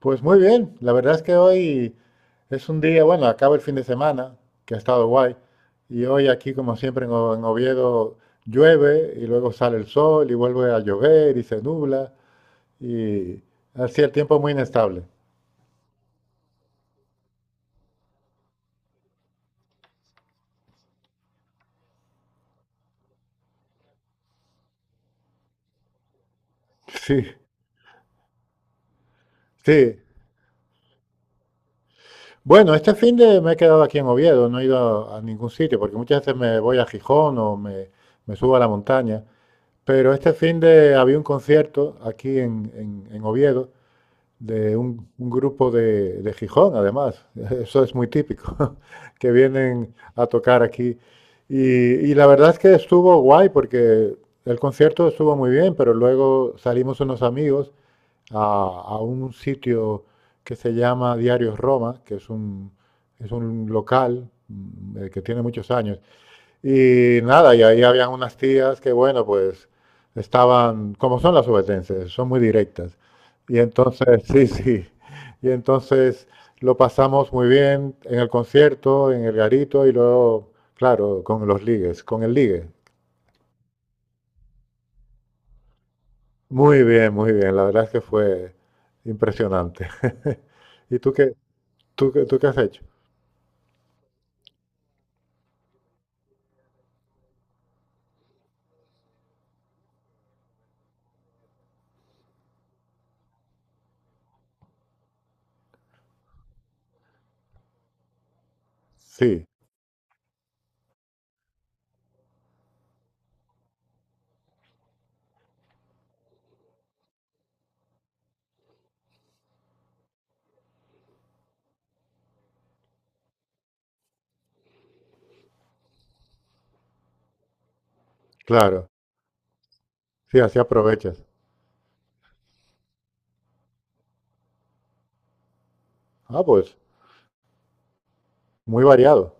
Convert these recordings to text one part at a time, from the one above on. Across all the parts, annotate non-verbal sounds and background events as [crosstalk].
Pues muy bien, la verdad es que hoy es un día, bueno, acaba el fin de semana, que ha estado guay, y hoy aquí como siempre en en Oviedo llueve y luego sale el sol y vuelve a llover y se nubla y así el tiempo es muy inestable. [laughs] Sí, sí. Bueno, este fin de me he quedado aquí en Oviedo, no he ido a ningún sitio porque muchas veces me voy a Gijón me subo a la montaña, pero este fin de había un concierto aquí en Oviedo. De un grupo de Gijón, además, [laughs] eso es muy típico, [laughs] que vienen a tocar aquí. Y la verdad es que estuvo guay porque el concierto estuvo muy bien, pero luego salimos unos amigos a un sitio que se llama Diarios Roma, es un local que tiene muchos años, y nada, y ahí habían unas tías que, bueno, pues estaban, como son las obetenses, son muy directas. Y entonces, [laughs] sí, sí. Y entonces lo pasamos muy bien en el concierto, en el garito y luego, claro, con los ligues, con el ligue. Muy bien, muy bien. La verdad es que fue impresionante. [laughs] ¿Y tú qué, tú qué has hecho? Sí, claro. Sí, así aprovechas. Ah, pues muy variado.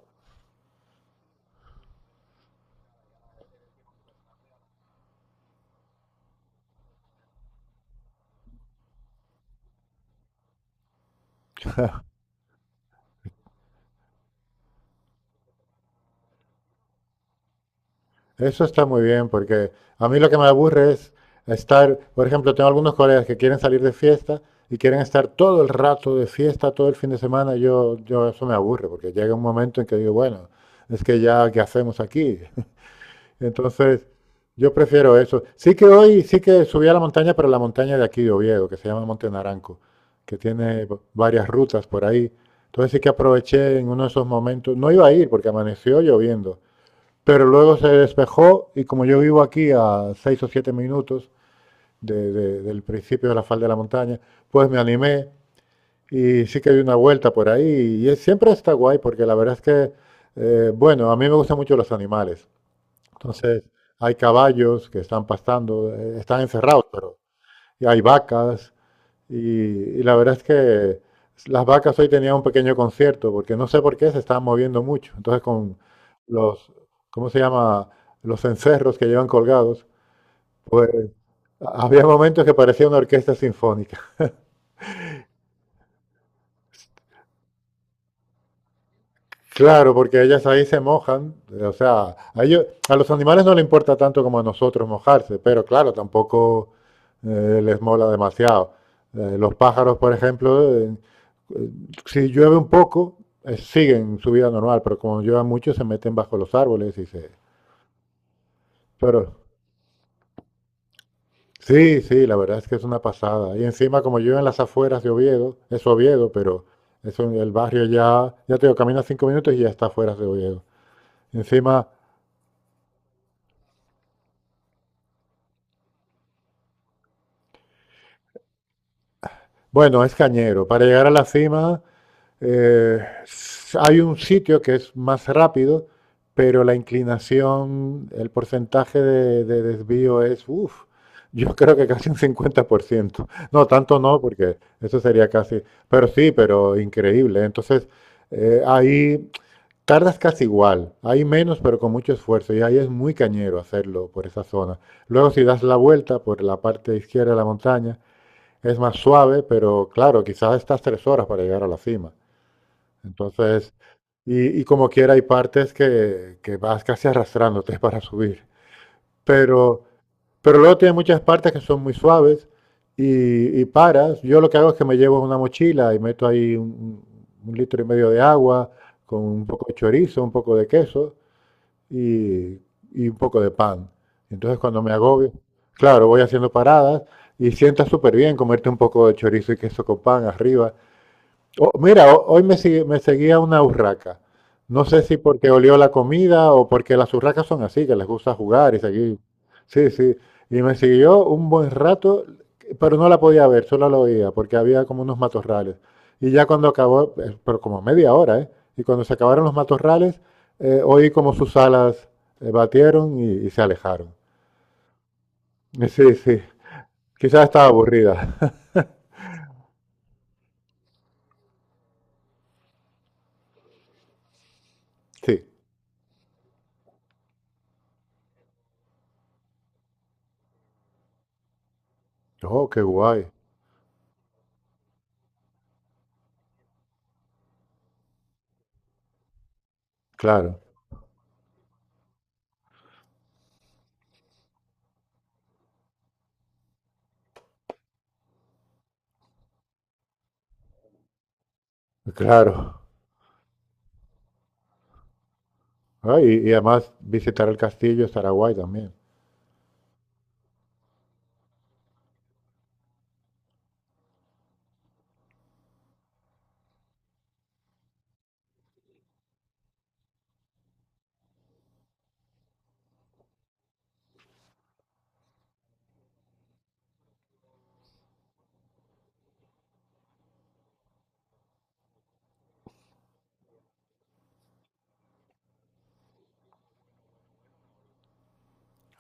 Eso está muy bien, porque a mí lo que me aburre es estar, por ejemplo, tengo algunos colegas que quieren salir de fiesta y quieren estar todo el rato de fiesta, todo el fin de semana. Yo eso me aburre, porque llega un momento en que digo, bueno, es que ya, ¿qué hacemos aquí? [laughs] Entonces, yo prefiero eso. Sí que hoy, sí que subí a la montaña, pero la montaña de aquí de Oviedo, que se llama Monte Naranco, que tiene varias rutas por ahí. Entonces sí que aproveché en uno de esos momentos, no iba a ir porque amaneció lloviendo, pero luego se despejó y como yo vivo aquí a seis o siete minutos del principio de la falda de la montaña, pues me animé y sí que di una vuelta por ahí. Y es- siempre está guay porque la verdad es que, bueno, a mí me gustan mucho los animales. Entonces hay caballos que están pastando, están encerrados, pero y hay vacas y, y la verdad es que las vacas hoy tenían un pequeño concierto, porque no sé por qué se estaban moviendo mucho. Entonces, con los, ¿cómo se llama? Los encerros que llevan colgados, pues había momentos que parecía una orquesta sinfónica. Claro, porque ellas ahí se mojan, o sea, a ellos- a los animales no les importa tanto como a nosotros mojarse, pero claro, tampoco les mola demasiado. Los pájaros, por ejemplo, eh, si llueve un poco, siguen su vida normal, pero como llueve mucho, se meten bajo los árboles y se... Pero sí, sí, la verdad es que es una pasada. Y encima, como yo en las afueras de Oviedo, es Oviedo, pero es un- el barrio ya, ya te digo, caminas cinco minutos y ya está afuera de Oviedo. Encima... Bueno, es cañero. Para llegar a la cima, hay un sitio que es más rápido, pero la inclinación, el porcentaje de desvío es, uff, yo [laughs] creo que casi un 50%. No, tanto no, porque eso sería casi, pero sí, pero increíble. Entonces, ahí tardas casi igual. Hay menos, pero con mucho esfuerzo. Y ahí es muy cañero hacerlo por esa zona. Luego, si das la vuelta por la parte izquierda de la montaña, es más suave, pero claro, quizás estás tres horas para llegar a la cima. Entonces, y como quiera, hay partes que vas casi arrastrándote [laughs] para subir. Pero, pero luego tiene muchas partes que son muy suaves y paras. Yo lo que hago es que me llevo una mochila y meto ahí un litro y medio de agua con un poco de chorizo, un poco de queso y, y un poco de pan. Entonces cuando me agobio, claro, voy haciendo paradas y sienta súper bien comerte un poco de chorizo y queso con pan arriba. Oh, mira, hoy me, me seguía una urraca. No sé si porque olió la comida o porque las urracas son así, que les gusta jugar y seguir. Sí, sí. Y me siguió un buen rato, pero no la podía ver, solo la oía, porque había como unos matorrales. Y ya cuando acabó, pero como media hora, ¿eh? Y cuando se acabaron los matorrales, oí como sus alas batieron y se alejaron. Sí, sí. Quizás estaba aburrida. [laughs] Sí. Oh, qué guay. Claro, claro. Ah, y además visitar el castillo estará guay también.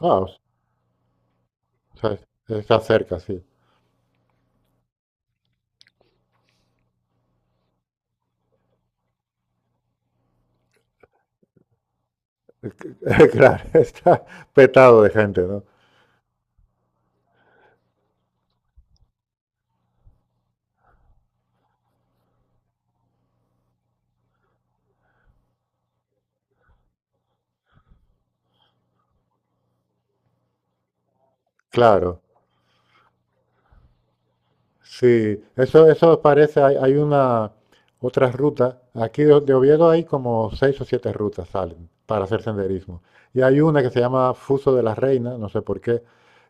Ah, o sea, es- está cerca, sí. [laughs] Claro, está petado de gente, ¿no? Claro, sí. Eso parece, hay una, otra ruta. Aquí de Oviedo hay como seis o siete rutas salen para hacer senderismo. Y hay una que se llama Fuso de la Reina, no sé por qué,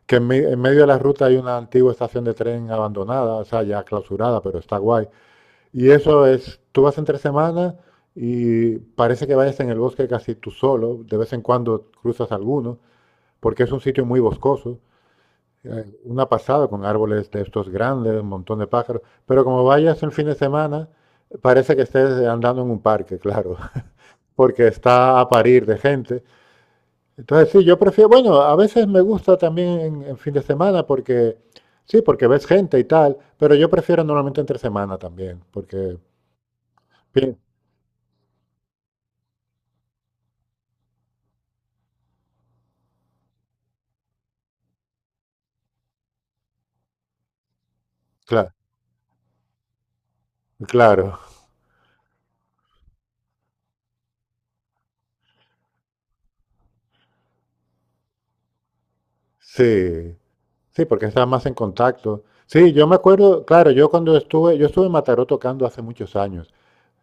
en medio de la ruta hay una antigua estación de tren abandonada, o sea, ya clausurada, pero está guay. Y eso es, tú vas entre semanas y parece que vayas en el bosque casi tú solo, de vez en cuando cruzas alguno, porque es un sitio muy boscoso, una pasada con árboles de estos grandes, un montón de pájaros, pero como vayas el fin de semana, parece que estés andando en un parque, claro, [laughs] porque está a parir de gente. Entonces sí, yo prefiero, bueno, a veces me gusta también en fin de semana porque, sí, porque ves gente y tal, pero yo prefiero normalmente entre semana también, porque, bien, claro. Claro, sí, sí, porque estaba más en contacto. Sí, yo me acuerdo, claro, yo cuando estuve, yo estuve en Mataró tocando hace muchos años.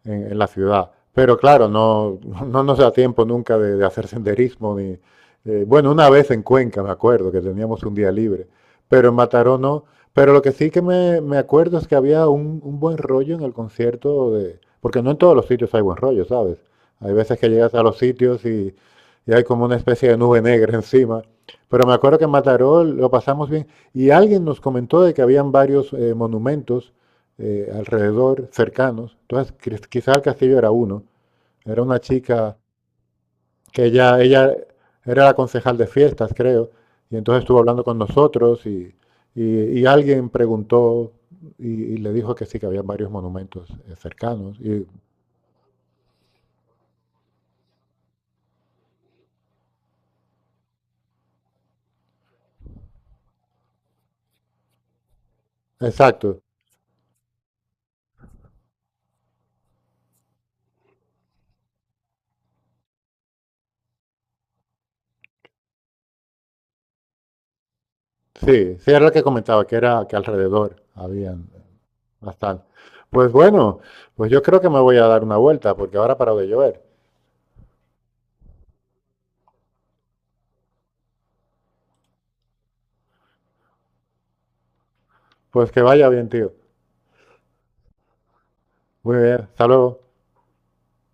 En la ciudad. Pero claro, no nos da tiempo nunca de hacer senderismo. Ni, bueno, una vez en Cuenca, me acuerdo, que teníamos un día libre, pero en Mataró no. Pero lo que sí que me acuerdo es que había un buen rollo en el concierto, de, porque no en todos los sitios hay buen rollo, ¿sabes? Hay veces que llegas a los sitios y hay como una especie de nube negra [laughs] encima. Pero me acuerdo que en Mataró lo pasamos bien y alguien nos comentó de que habían varios monumentos alrededor, cercanos. Entonces, quizás Castillo era uno. Era una chica que ella era la concejal de fiestas, creo, y entonces estuvo hablando con nosotros y alguien preguntó le dijo que sí, que había varios monumentos cercanos. Y, exacto, sí, sí, era lo que comentaba, que era que alrededor habían bastante. Pues bueno, pues yo creo que me voy a dar una vuelta, porque ahora ha parado de llover. Pues que vaya bien, tío. Muy bien, hasta luego.